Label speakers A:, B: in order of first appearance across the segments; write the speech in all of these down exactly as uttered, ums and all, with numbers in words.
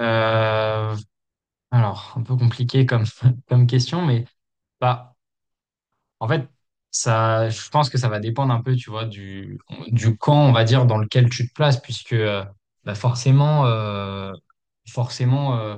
A: Euh, alors, un peu compliqué comme, comme question, mais bah, en fait, ça, je pense que ça va dépendre un peu, tu vois, du, du camp, on va dire, dans lequel tu te places, puisque euh, bah forcément, euh, forcément euh,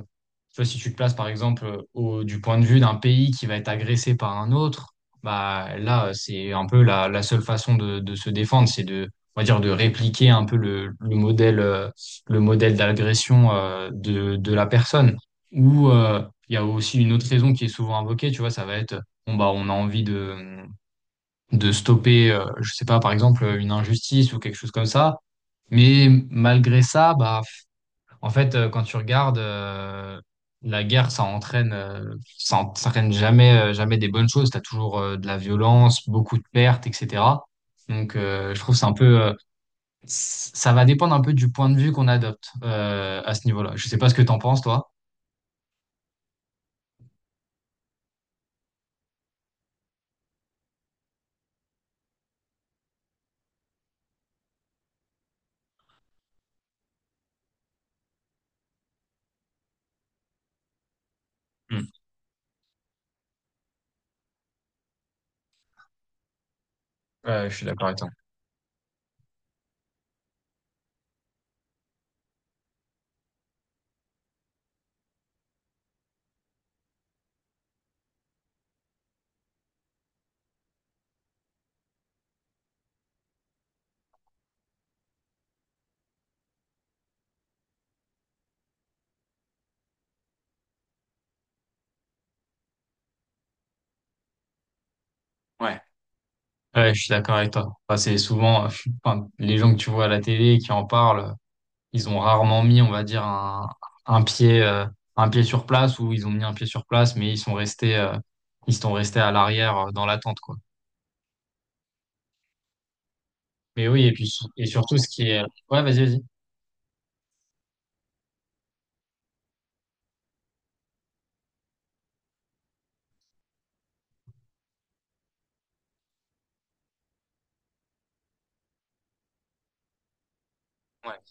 A: tu vois, si tu te places, par exemple, au, du point de vue d'un pays qui va être agressé par un autre. Bah là, c'est un peu la, la seule façon de, de se défendre. C'est de, on va dire, de répliquer un peu le, le modèle, euh, le modèle d'agression, euh, de, de la personne. Ou euh, il y a aussi une autre raison qui est souvent invoquée, tu vois. Ça va être bon, bah, on a envie de, de stopper, euh, je sais pas, par exemple, une injustice ou quelque chose comme ça. Mais malgré ça, bah, en fait, euh, quand tu regardes, euh, la guerre, ça entraîne, euh, ça entraîne jamais, euh, jamais des bonnes choses. T'as toujours, euh, de la violence, beaucoup de pertes, et cetera. Donc, euh, je trouve que c'est un peu, euh, c- ça va dépendre un peu du point de vue qu'on adopte, euh, à ce niveau-là. Je sais pas ce que t'en penses, toi. Mm. Ouais, je suis d'accord avec toi. Ouais. Ouais, je suis d'accord avec toi. Enfin, c'est souvent, euh, enfin, les gens que tu vois à la télé qui en parlent, ils ont rarement mis, on va dire, un, un pied, euh, un pied sur place, ou ils ont mis un pied sur place, mais ils sont restés, euh, ils sont restés à l'arrière, euh, dans l'attente, quoi. Mais oui, et puis, et surtout, ce qui est, ouais, vas-y, vas-y. Ouais,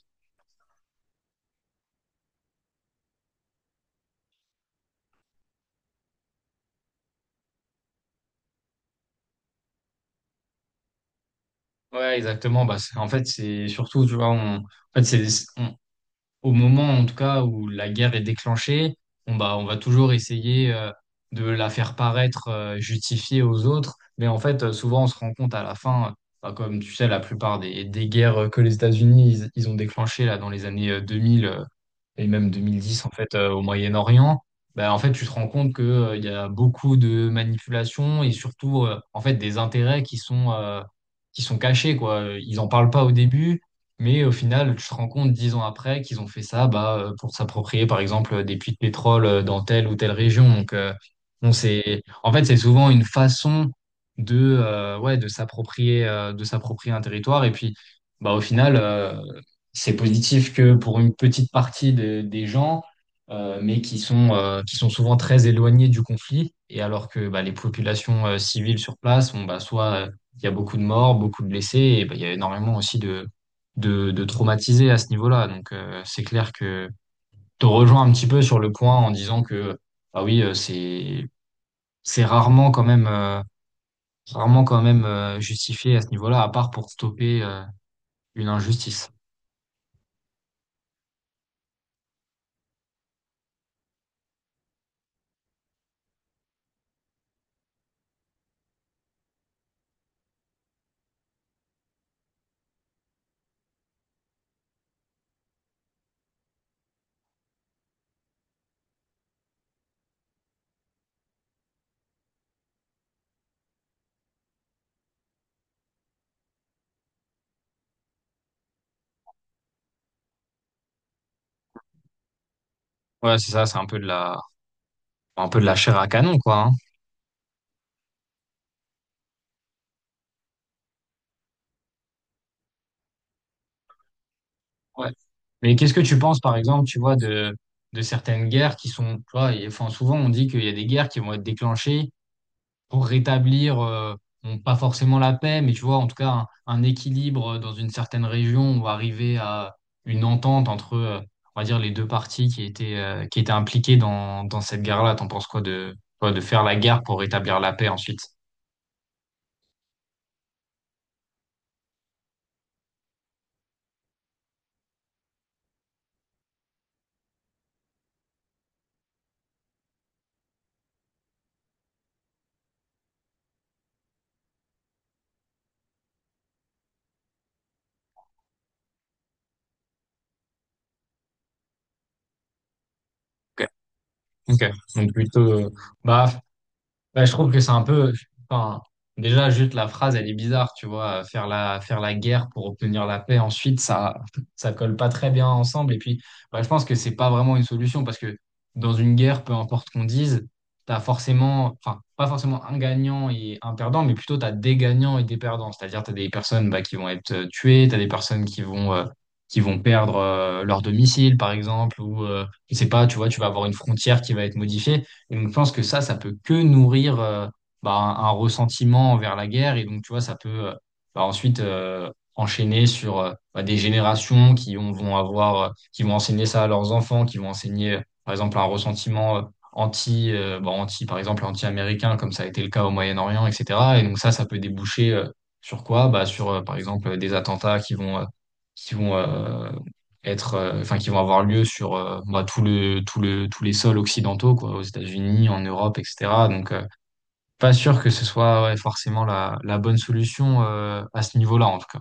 A: ouais, exactement. Bah, c'est- en fait, c'est surtout, tu vois, on, en fait, c'est, au moment en tout cas où la guerre est déclenchée, on, bah, on va toujours essayer, euh, de la faire paraître, euh, justifiée aux autres. Mais en fait, euh, souvent, on se rend compte à la fin, euh, bah, comme tu sais, la plupart des, des guerres, euh, que les États-Unis, ils, ils ont déclenchées là, dans les années, euh, deux mille, et même deux mille dix, en fait, euh, au Moyen-Orient. Bah, en fait, tu te rends compte que, euh, il y a beaucoup de manipulations, et surtout, euh, en fait, des intérêts qui sont euh, qui sont cachés, quoi. Ils en parlent pas au début, mais au final tu te rends compte, dix ans après, qu'ils ont fait ça, bah, euh, pour s'approprier, par exemple, euh, des puits de pétrole, euh, dans telle ou telle région. Donc, euh, bon, c'est en fait c'est souvent une façon de euh, ouais de s'approprier, euh, de s'approprier un territoire. Et puis, bah, au final, euh, c'est positif que pour une petite partie de- des gens, euh, mais qui sont, euh, qui sont souvent très éloignés du conflit, et alors que, bah, les populations, euh, civiles, sur place, on, bah, soit, euh, il y a beaucoup de morts, beaucoup de blessés, et bah, il y a énormément aussi de, de, de traumatisés à ce niveau-là. Donc, euh, c'est clair que te rejoins un petit peu sur le point en disant que bah oui, euh, c'est, c'est rarement quand même, euh, rarement quand même euh, justifié à ce niveau-là, à part pour stopper, euh, une injustice. Ouais, c'est ça, c'est un peu de la un peu de la chair à canon, quoi, hein. Ouais. Mais qu'est-ce que tu penses, par exemple, tu vois, de, de certaines guerres qui sont, tu vois, et- enfin, souvent on dit qu'il y a des guerres qui vont être déclenchées pour rétablir, euh, bon, pas forcément la paix, mais tu vois, en tout cas, un, un équilibre dans une certaine région, ou arriver à une entente entre, euh, on va dire, les deux parties qui étaient, euh, qui étaient impliquées dans, dans cette guerre-là. T'en penses quoi de, quoi, de faire la guerre pour rétablir la paix ensuite? Ok. Ok. Donc plutôt, euh, bah, Bah, je trouve que c'est un peu, enfin, déjà, juste la phrase, elle est bizarre, tu vois, faire la, faire la guerre pour obtenir la paix ensuite, ça, ça colle pas très bien ensemble. Et puis, bah, je pense que c'est pas vraiment une solution, parce que dans une guerre, peu importe qu'on dise, t'as forcément, enfin, pas forcément un gagnant et un perdant, mais plutôt t'as des gagnants et des perdants. C'est-à-dire, t'as des personnes, bah, qui vont être, euh, tuées, t'as des personnes qui vont, euh, qui vont perdre, euh, leur domicile, par exemple, ou, euh, je sais pas, tu vois, tu vas avoir une frontière qui va être modifiée. Et donc, je pense que ça, ça peut que nourrir, euh, bah, un, un ressentiment envers la guerre. Et donc, tu vois, ça peut, euh, bah, ensuite, euh, enchaîner sur, euh, bah, des générations qui ont- vont avoir, euh, qui vont enseigner ça à leurs enfants, qui vont enseigner, euh, par exemple, un ressentiment, euh, anti, euh, bah, anti, par exemple, anti-américain, comme ça a été le cas au Moyen-Orient, et cetera. Et donc, ça, ça peut déboucher, euh, sur quoi? Bah, sur, euh, par exemple, des attentats qui vont. euh, qui vont euh, être, euh, enfin, qui vont avoir lieu sur, euh, bah, tout le, tout le, tous les sols occidentaux, quoi, aux États-Unis, en Europe, et cetera. Donc, euh, pas sûr que ce soit ouais, forcément la, la bonne solution, euh, à ce niveau-là, en tout cas.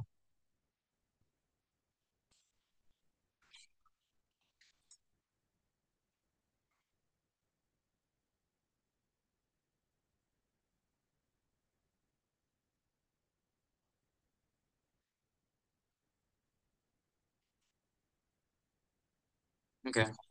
A: Ok.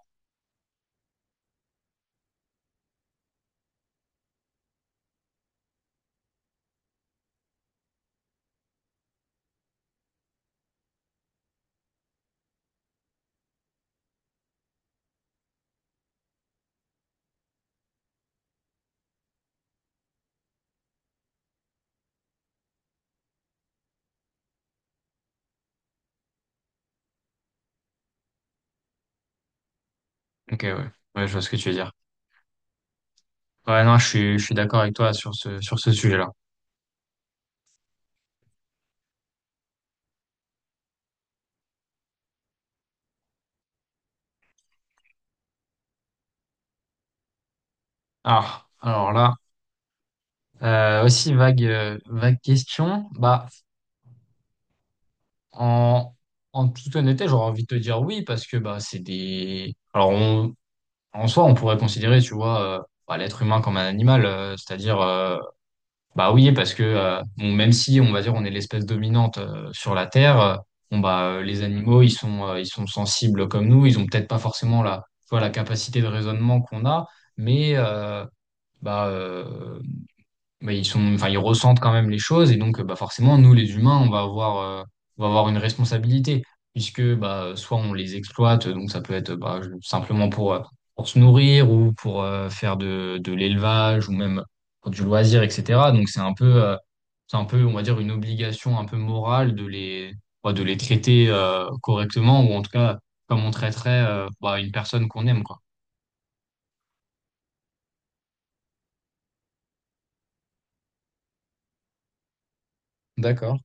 A: Ok, ouais. Ouais, je vois ce que tu veux dire. Ouais, non, je suis, je suis d'accord avec toi sur ce, sur ce sujet-là. Ah, alors là, euh, aussi vague, euh, vague question. Bah, en, en toute honnêteté, j'aurais envie de te dire oui parce que bah, c'est des. Alors, on, En soi, on pourrait considérer, tu vois, euh, bah, l'être humain comme un animal, euh, c'est-à-dire, euh, bah oui, parce que, euh, bon, même si, on va dire, on est l'espèce dominante, euh, sur la Terre, euh, bon, bah, euh, les animaux, ils sont, euh, ils sont sensibles comme nous, ils ont peut-être pas forcément la, tu vois, la capacité de raisonnement qu'on a, mais, euh, bah, euh, bah, ils sont, enfin, ils ressentent quand même les choses. Et donc, euh, bah, forcément, nous les humains, on va avoir, euh, on va avoir une responsabilité, puisque bah, soit on les exploite, donc ça peut être, bah, je- simplement pour, euh, pour se nourrir, ou pour, euh, faire de, de l'élevage, ou même pour du loisir, et cetera. Donc c'est un peu, euh, c'est un peu, on va dire, une obligation un peu morale de les, bah, de les traiter, euh, correctement, ou en tout cas comme on traiterait, euh, bah, une personne qu'on aime, quoi. D'accord.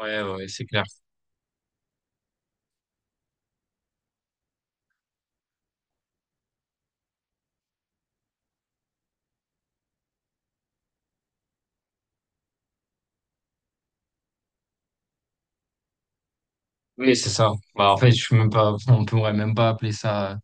A: Ouais, ouais, c'est clair. Oui, c'est ça. Bah, en fait, je suis même pas, on pourrait même pas appeler ça,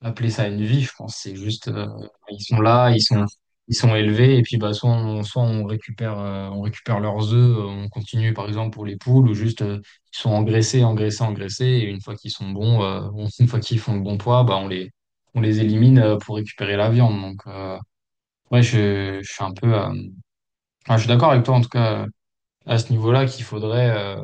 A: appeler ça une vie, je pense. C'est juste, euh, ils sont là, ils sont, ils sont élevés, et puis, bah, soit on, soit on récupère, euh, on récupère leurs œufs, euh, on continue, par exemple, pour les poules, ou juste, euh, ils sont engraissés, engraissés, engraissés, et une fois qu'ils sont bons, euh, on- une fois qu'ils font le bon poids, bah, on les, on les élimine, euh, pour récupérer la viande. Donc, euh, ouais, je, je suis un peu, euh, enfin, je suis d'accord avec toi, en tout cas, à ce niveau-là, qu'il faudrait, euh,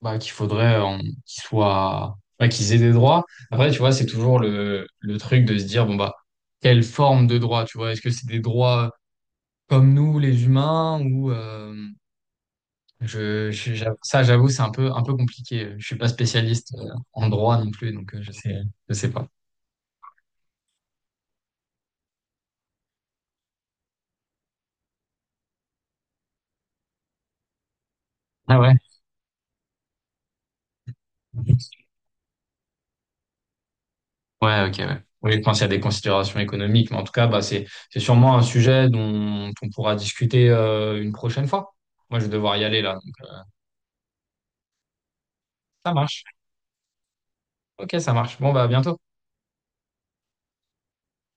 A: bah, qu'il faudrait euh, qu'ils soient, ouais, qu'ils aient des droits. Après, tu vois, c'est toujours le, le truc de se dire, bon, bah, quelle forme de droit, tu vois? Est-ce que c'est des droits, euh, comme nous, les humains, ou, euh, je, je- j'avoue- ça, j'avoue, c'est un peu, un peu compliqué. Je suis pas spécialiste, euh, en droit non plus, donc, euh, je sais, je sais pas. Ah ouais? Ouais, ok, ouais. Oui, je pense qu'il y a des considérations économiques, mais en tout cas, bah, c'est, c'est sûrement un sujet dont on pourra discuter, euh, une prochaine fois. Moi, je vais devoir y aller là. Ça marche. Ok, ça marche. Bon, bah, à bientôt.